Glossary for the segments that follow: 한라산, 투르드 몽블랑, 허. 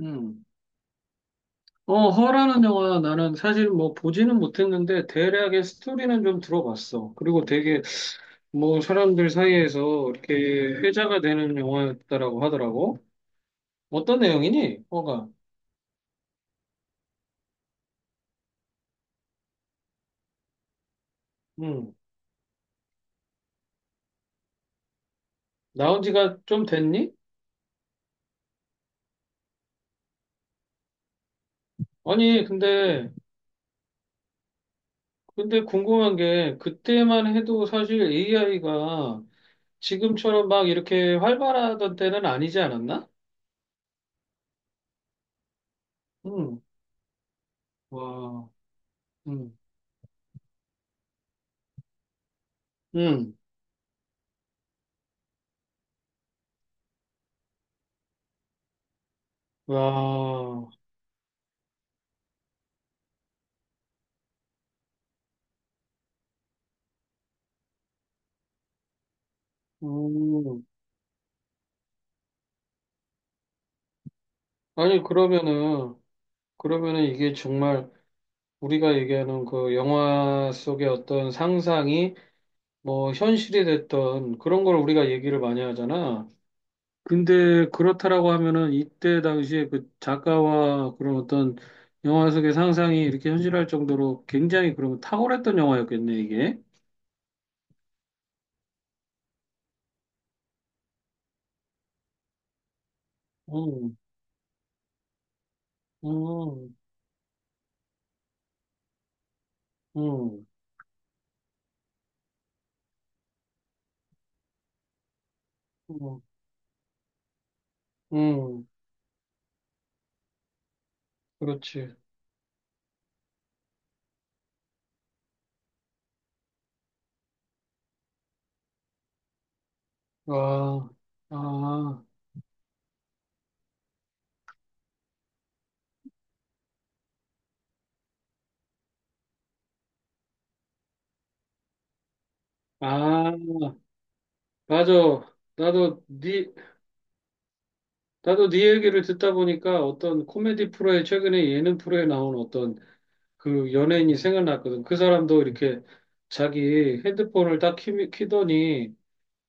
음. 어, 허라는 영화 나는 사실 뭐 보지는 못했는데 대략의 스토리는 좀 들어봤어. 그리고 되게 뭐 사람들 사이에서 이렇게 회자가 되는 영화였다라고 하더라고. 어떤 내용이니? 허가. 음. 나온 지가 좀 됐니? 아니, 근데 궁금한 게 그때만 해도 사실 AI가 지금처럼 막 이렇게 활발하던 때는 아니지 않았나? 응. 와. 응, 응. 와. 음. 아니, 그러면은 이게 정말 우리가 얘기하는 그 영화 속의 어떤 상상이 뭐 현실이 됐던 그런 걸 우리가 얘기를 많이 하잖아. 근데 그렇다라고 하면은 이때 당시에 그 작가와 그런 어떤 영화 속의 상상이 이렇게 현실할 정도로 굉장히 그러면 탁월했던 영화였겠네, 이게. 음, 음, 음, 음, 음, 그렇지. 와, 아, 아, 맞아. 나도 네 나도 네 얘기를 듣다 보니까 어떤 코미디 프로에 최근에 예능 프로에 나온 어떤 그 연예인이 생각났거든. 그 사람도 이렇게 자기 핸드폰을 딱 키더니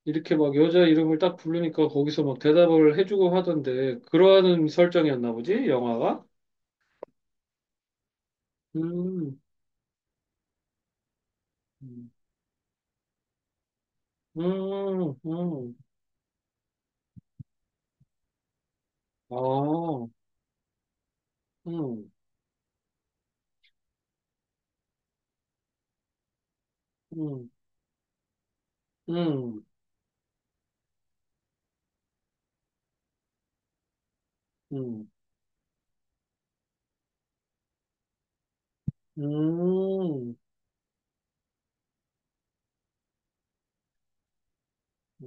이렇게 막 여자 이름을 딱 부르니까 거기서 막 대답을 해주고 하던데 그러한 설정이었나 보지? 영화가? 음, 음, 음, 아, 음, 음, 음, 음, 음.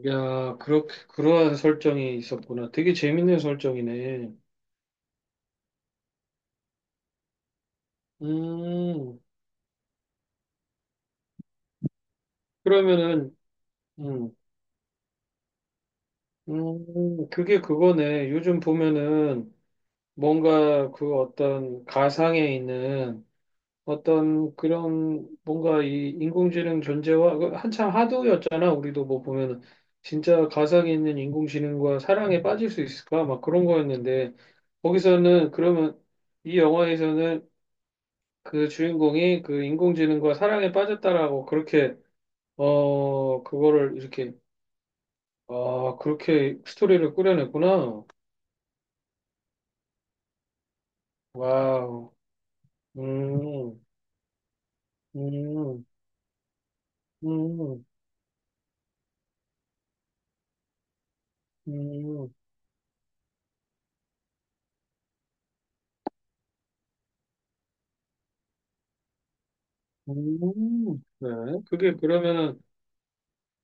야, 그러한 설정이 있었구나. 되게 재밌는 설정이네. 음, 그러면은, 음, 그게 그거네. 요즘 보면은 뭔가 그 어떤 가상에 있는 어떤 그런 뭔가 이 인공지능 존재와 그 한참 하도였잖아. 우리도 뭐 보면은 진짜 가상에 있는 인공지능과 사랑에 빠질 수 있을까? 막 그런 거였는데 거기서는 그러면 이 영화에서는 그 주인공이 그 인공지능과 사랑에 빠졌다라고 그렇게 어, 그거를 이렇게 아, 그렇게 스토리를 꾸려냈구나. 와우. 음, 음, 음, 음, 네. 그게 그러면은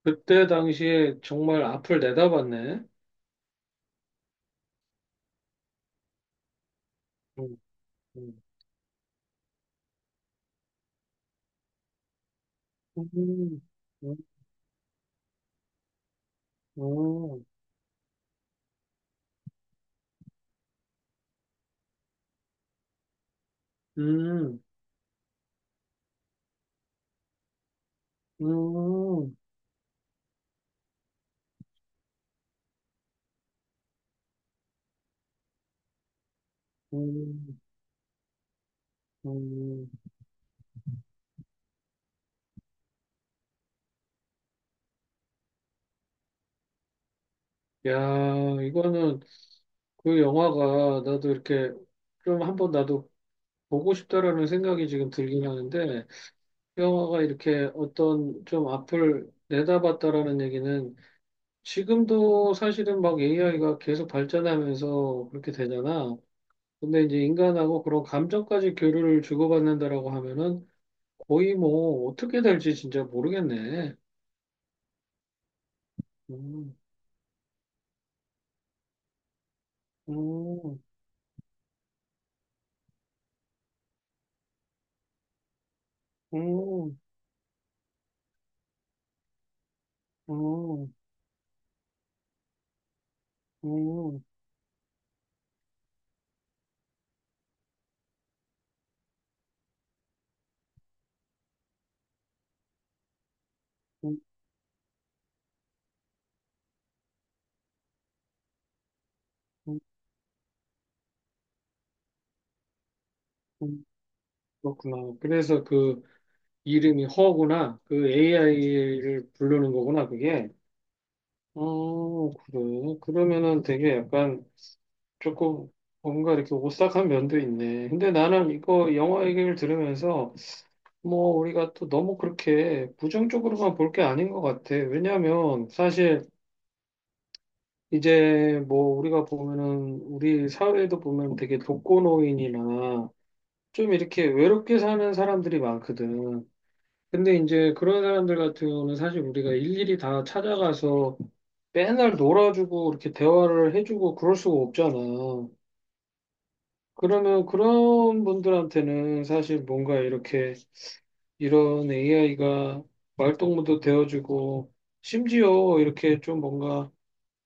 그때 당시에 정말 앞을 내다봤네. 음, 음, 음, 음, 음, 음, 음, 음. 음. 야, 이거는 그 영화가 나도 이렇게 좀 한번 나도 보고 싶다라는 생각이 지금 들긴 하는데 영화가 이렇게 어떤 좀 앞을 내다봤다라는 얘기는 지금도 사실은 막 AI가 계속 발전하면서 그렇게 되잖아. 근데 이제 인간하고 그런 감정까지 교류를 주고받는다라고 하면은 거의 뭐 어떻게 될지 진짜 모르겠네. 음, 음, 음, 음, 음, 음, 음, 음. 그렇구나. 그래서 그 이름이 허구나. 그 AI를 부르는 거구나, 그게. 어, 그래. 그러면은 되게 약간 조금 뭔가 이렇게 오싹한 면도 있네. 근데 나는 이거 영화 얘기를 들으면서 뭐 우리가 또 너무 그렇게 부정적으로만 볼 게 아닌 것 같아. 왜냐하면 사실 이제 뭐 우리가 보면은 우리 사회도 보면 되게 독거노인이나 좀 이렇게 외롭게 사는 사람들이 많거든. 근데 이제 그런 사람들 같은 경우는 사실 우리가 일일이 다 찾아가서 맨날 놀아주고 이렇게 대화를 해주고 그럴 수가 없잖아. 그러면 그런 분들한테는 사실 뭔가 이렇게 이런 AI가 말동무도 되어주고 심지어 이렇게 좀 뭔가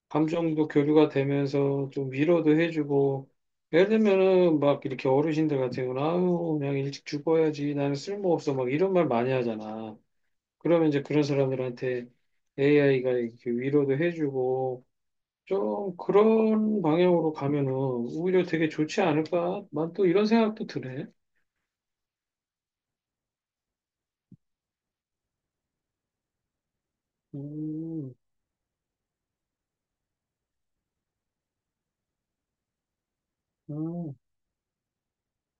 감정도 교류가 되면서 좀 위로도 해주고 예를 들면은 막 이렇게 어르신들 같은 경우는 아유 그냥 일찍 죽어야지 나는 쓸모없어 막 이런 말 많이 하잖아. 그러면 이제 그런 사람들한테 AI가 이렇게 위로도 해주고 좀 그런 방향으로 가면은 오히려 되게 좋지 않을까? 난 또 이런 생각도 드네. 음, 음,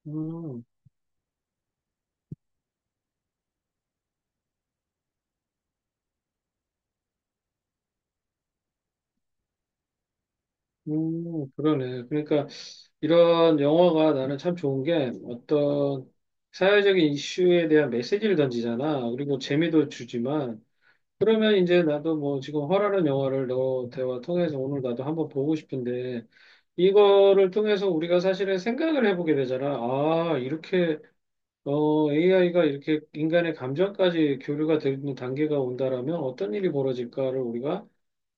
음, 그러네. 그러니까 이런 영화가 나는 참 좋은 게 어떤 사회적인 이슈에 대한 메시지를 던지잖아. 그리고 재미도 주지만 그러면 이제 나도 뭐 지금 허라는 영화를 너 대화 통해서 오늘 나도 한번 보고 싶은데 이거를 통해서 우리가 사실은 생각을 해보게 되잖아. 아, 이렇게 어, AI가 이렇게 인간의 감정까지 교류가 되는 단계가 온다라면 어떤 일이 벌어질까를 우리가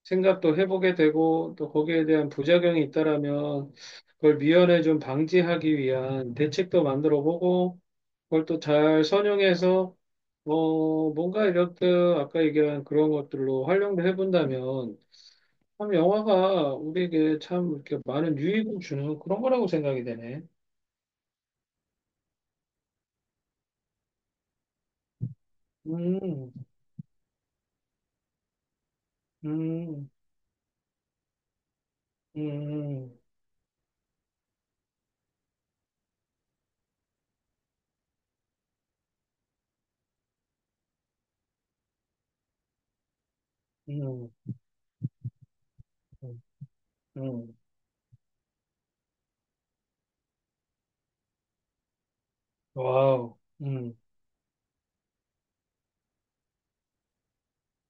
생각도 해보게 되고 또 거기에 대한 부작용이 있다라면 그걸 미연에 좀 방지하기 위한 대책도 만들어 보고 그걸 또 잘 선용해서 어, 뭔가 이렇듯 아까 얘기한 그런 것들로 활용도 해본다면 참 영화가 우리에게 참 이렇게 많은 유익을 주는 그런 거라고 생각이 되네. 음, 음, 음, 음, 음, 음. 와우, 음,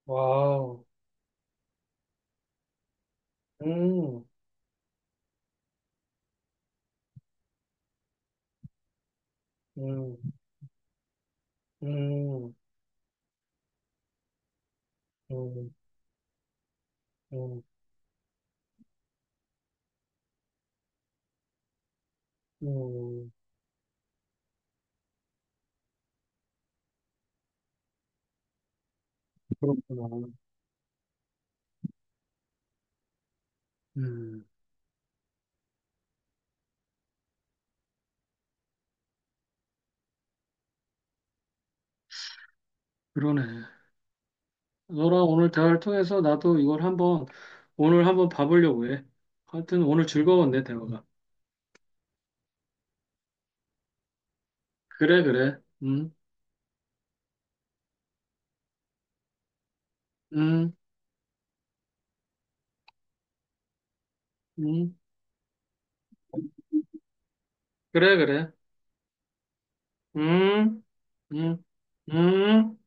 와우, 음, 음, 음, 음, 음, 음. 그렇구나. 음, 그러네. 너랑 오늘 대화를 통해서 나도 이걸 한번, 오늘 한번 봐보려고 해. 하여튼 오늘 즐거웠네, 대화가. 그래, 그래. 음, 음. 그래, 그래. 음, 음, 음.